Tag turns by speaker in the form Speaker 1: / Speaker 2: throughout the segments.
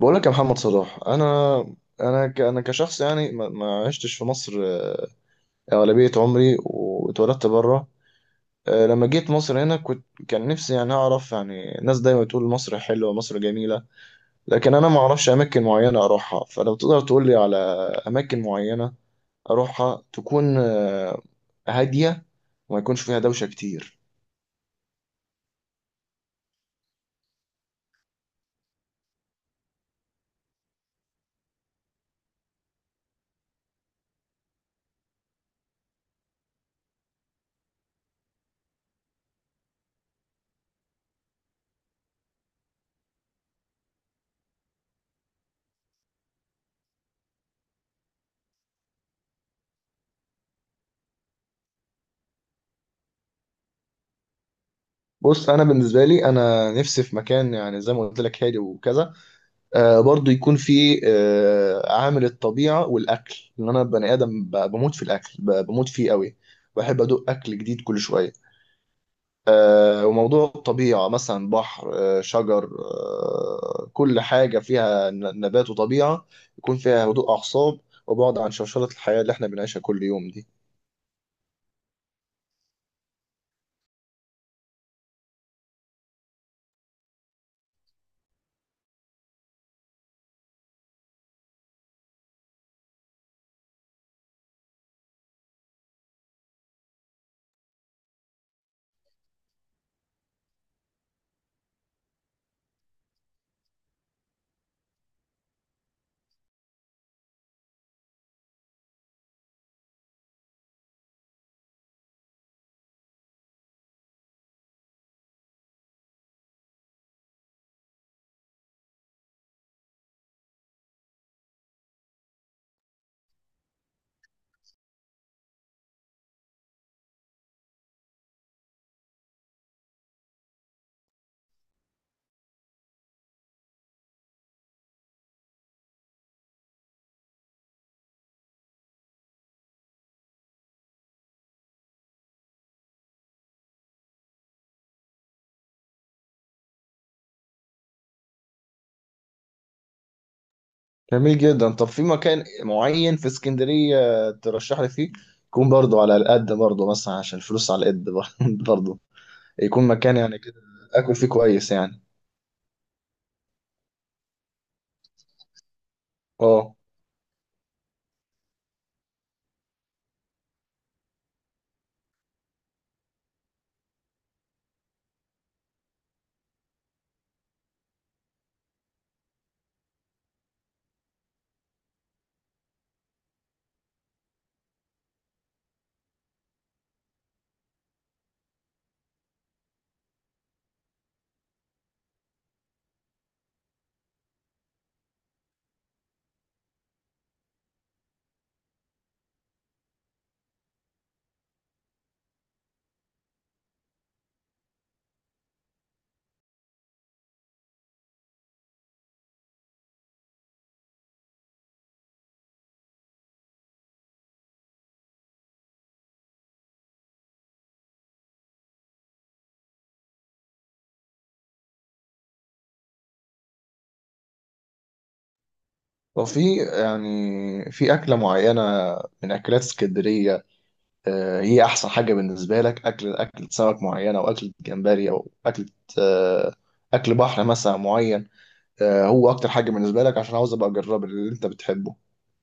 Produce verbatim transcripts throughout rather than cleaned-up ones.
Speaker 1: بقول لك يا محمد صلاح انا انا ك- انا كشخص يعني ما ما عشتش في مصر آه، اغلبيه عمري واتولدت بره. آه، لما جيت مصر هنا كنت كان نفسي يعني اعرف يعني الناس دايما تقول مصر حلوه مصر جميله، لكن انا ما اعرفش اماكن معينه اروحها. فلو تقدر تقول لي على اماكن معينه اروحها تكون آه، هاديه وما يكونش فيها دوشه كتير. بص انا بالنسبه لي انا نفسي في مكان يعني زي ما قلت لك هادي وكذا، آه، برضو يكون في آه، عامل الطبيعة والأكل، لأن أنا بني آدم ب- بموت في الأكل، ب- بموت فيه قوي. بحب أدوق أكل جديد كل شوية. آه، وموضوع الطبيعة مثلا بحر، آه، شجر، آه، كل حاجة فيها ن- نبات وطبيعة، يكون فيها هدوء أعصاب وبعد عن شوشرة الحياة اللي احنا بنعيشها كل يوم دي. جميل جدا. طب في مكان معين في اسكندرية ترشح لي فيه، يكون برضو على القد، برضو مثلا عشان الفلوس على القد برضو، يكون مكان يعني كده اكل فيه كويس يعني. اه، وفي يعني في اكله معينه من اكلات اسكندريه، آه، هي احسن حاجه بالنسبه لك؟ اكل اكل سمك معينه او اكل جمبري او اكل، آه، اكل بحر مثلا معين، آه، هو اكتر حاجه بالنسبه لك؟ عشان عاوز ابقى اجرب اللي انت بتحبه،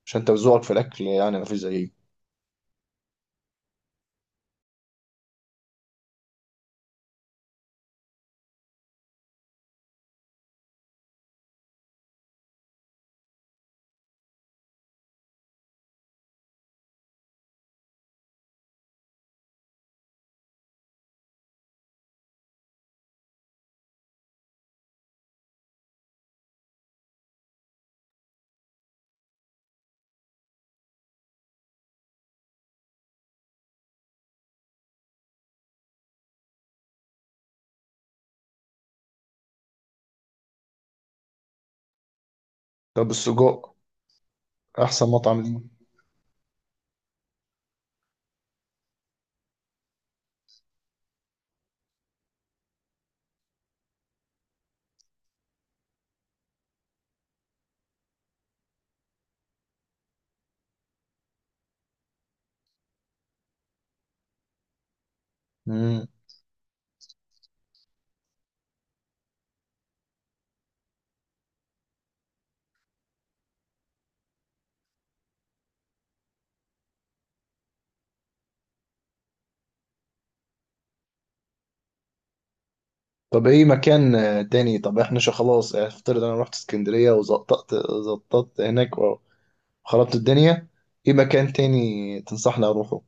Speaker 1: عشان انت ذوقك في الاكل يعني مفيش زيه. طب السجق احسن مطعم ليه؟ مم. طب ايه مكان آه، تاني؟ طب احنا شو خلاص افترض انا رحت اسكندريه وزقطت، زقطت هناك، خربت الدنيا، ايه مكان تاني تنصحني اروحه؟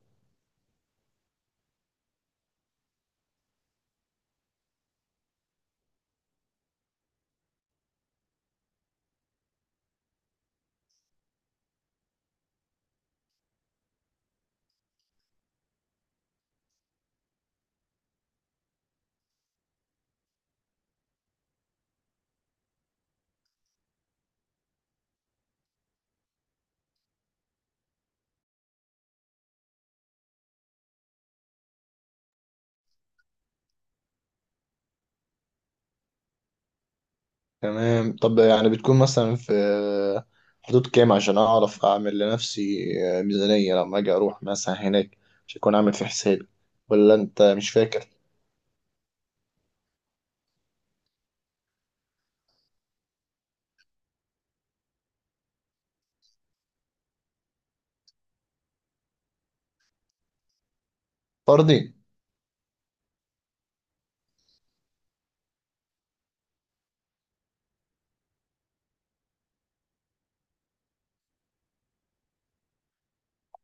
Speaker 1: تمام. طب يعني بتكون مثلا في حدود كام عشان اعرف اعمل لنفسي ميزانية لما اجي اروح مثلا هناك، مش هكون عامل في حسابي، ولا انت مش فاكر؟ فردي.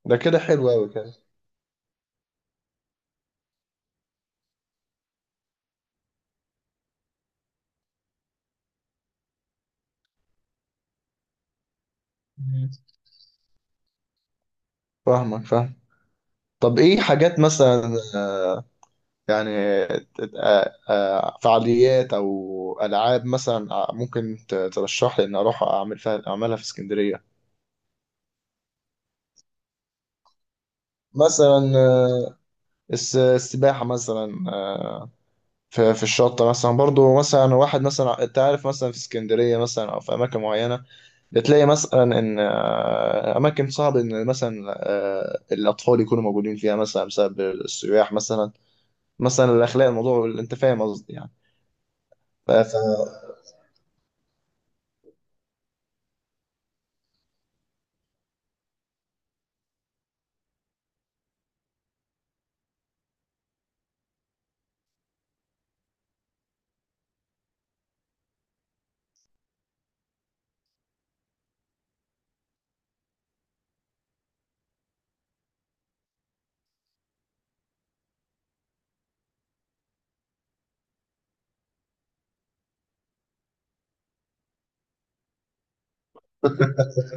Speaker 1: ده كده حلو قوي كده. مم. فاهمك، فاهم. طب ايه حاجات مثلا يعني ت- آه، آه، فعاليات او العاب مثلا ممكن ت- ترشح لي ان اروح اعمل فيها اعملها في اسكندرية؟ مثلا الس- السباحة مثلا، آه، في في الشط مثلا، برضو مثلا واحد مثلا انت عارف مثلا في اسكندرية مثلا أو في أماكن معينة بتلاقي مثلا إن آه، أماكن صعب إن مثلا آه، الأطفال يكونوا موجودين فيها مثلا بسبب السياح مثلا، مثلا الأخلاق الموضوع، أنت فاهم قصدي يعني. ف... ف-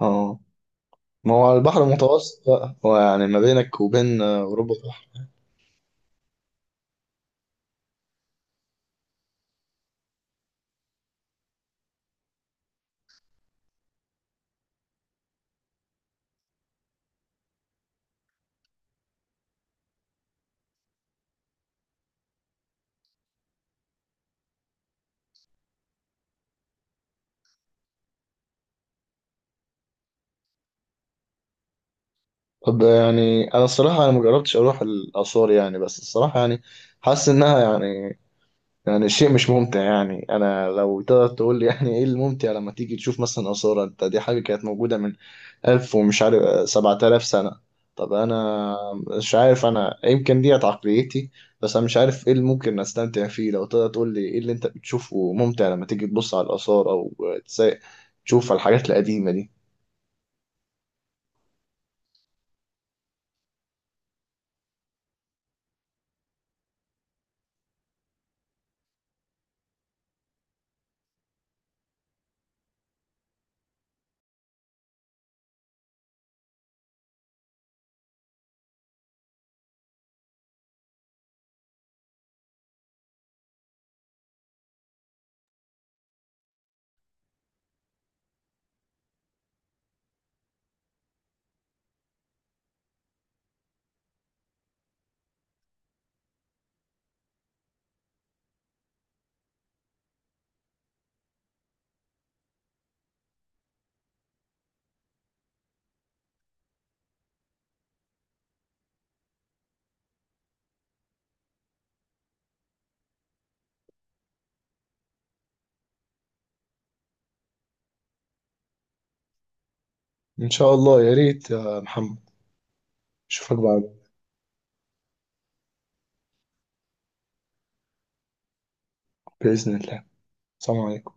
Speaker 1: اه، ما هو البحر المتوسط بقى، هو يعني ما بينك وبين آه، اوروبا بحر. طب يعني انا الصراحه انا ما جربتش اروح الاثار يعني، بس الصراحه يعني حاسس انها يعني، يعني الشيء مش ممتع يعني. انا لو تقدر تقول لي يعني ايه الممتع لما تيجي تشوف مثلا آثار انت، دي حاجة كانت موجودة من ألف ومش عارف سبعة آلاف سنة. طب انا مش عارف، انا يمكن ديت عقليتي، بس انا مش عارف ايه اللي ممكن استمتع فيه. لو تقدر تقول لي ايه اللي انت بتشوفه ممتع لما تيجي تبص على الآثار او تس- تشوف الحاجات القديمة دي. ان شاء الله يا ريت يا محمد. اشوفك بعد بإذن الله. سلام عليكم.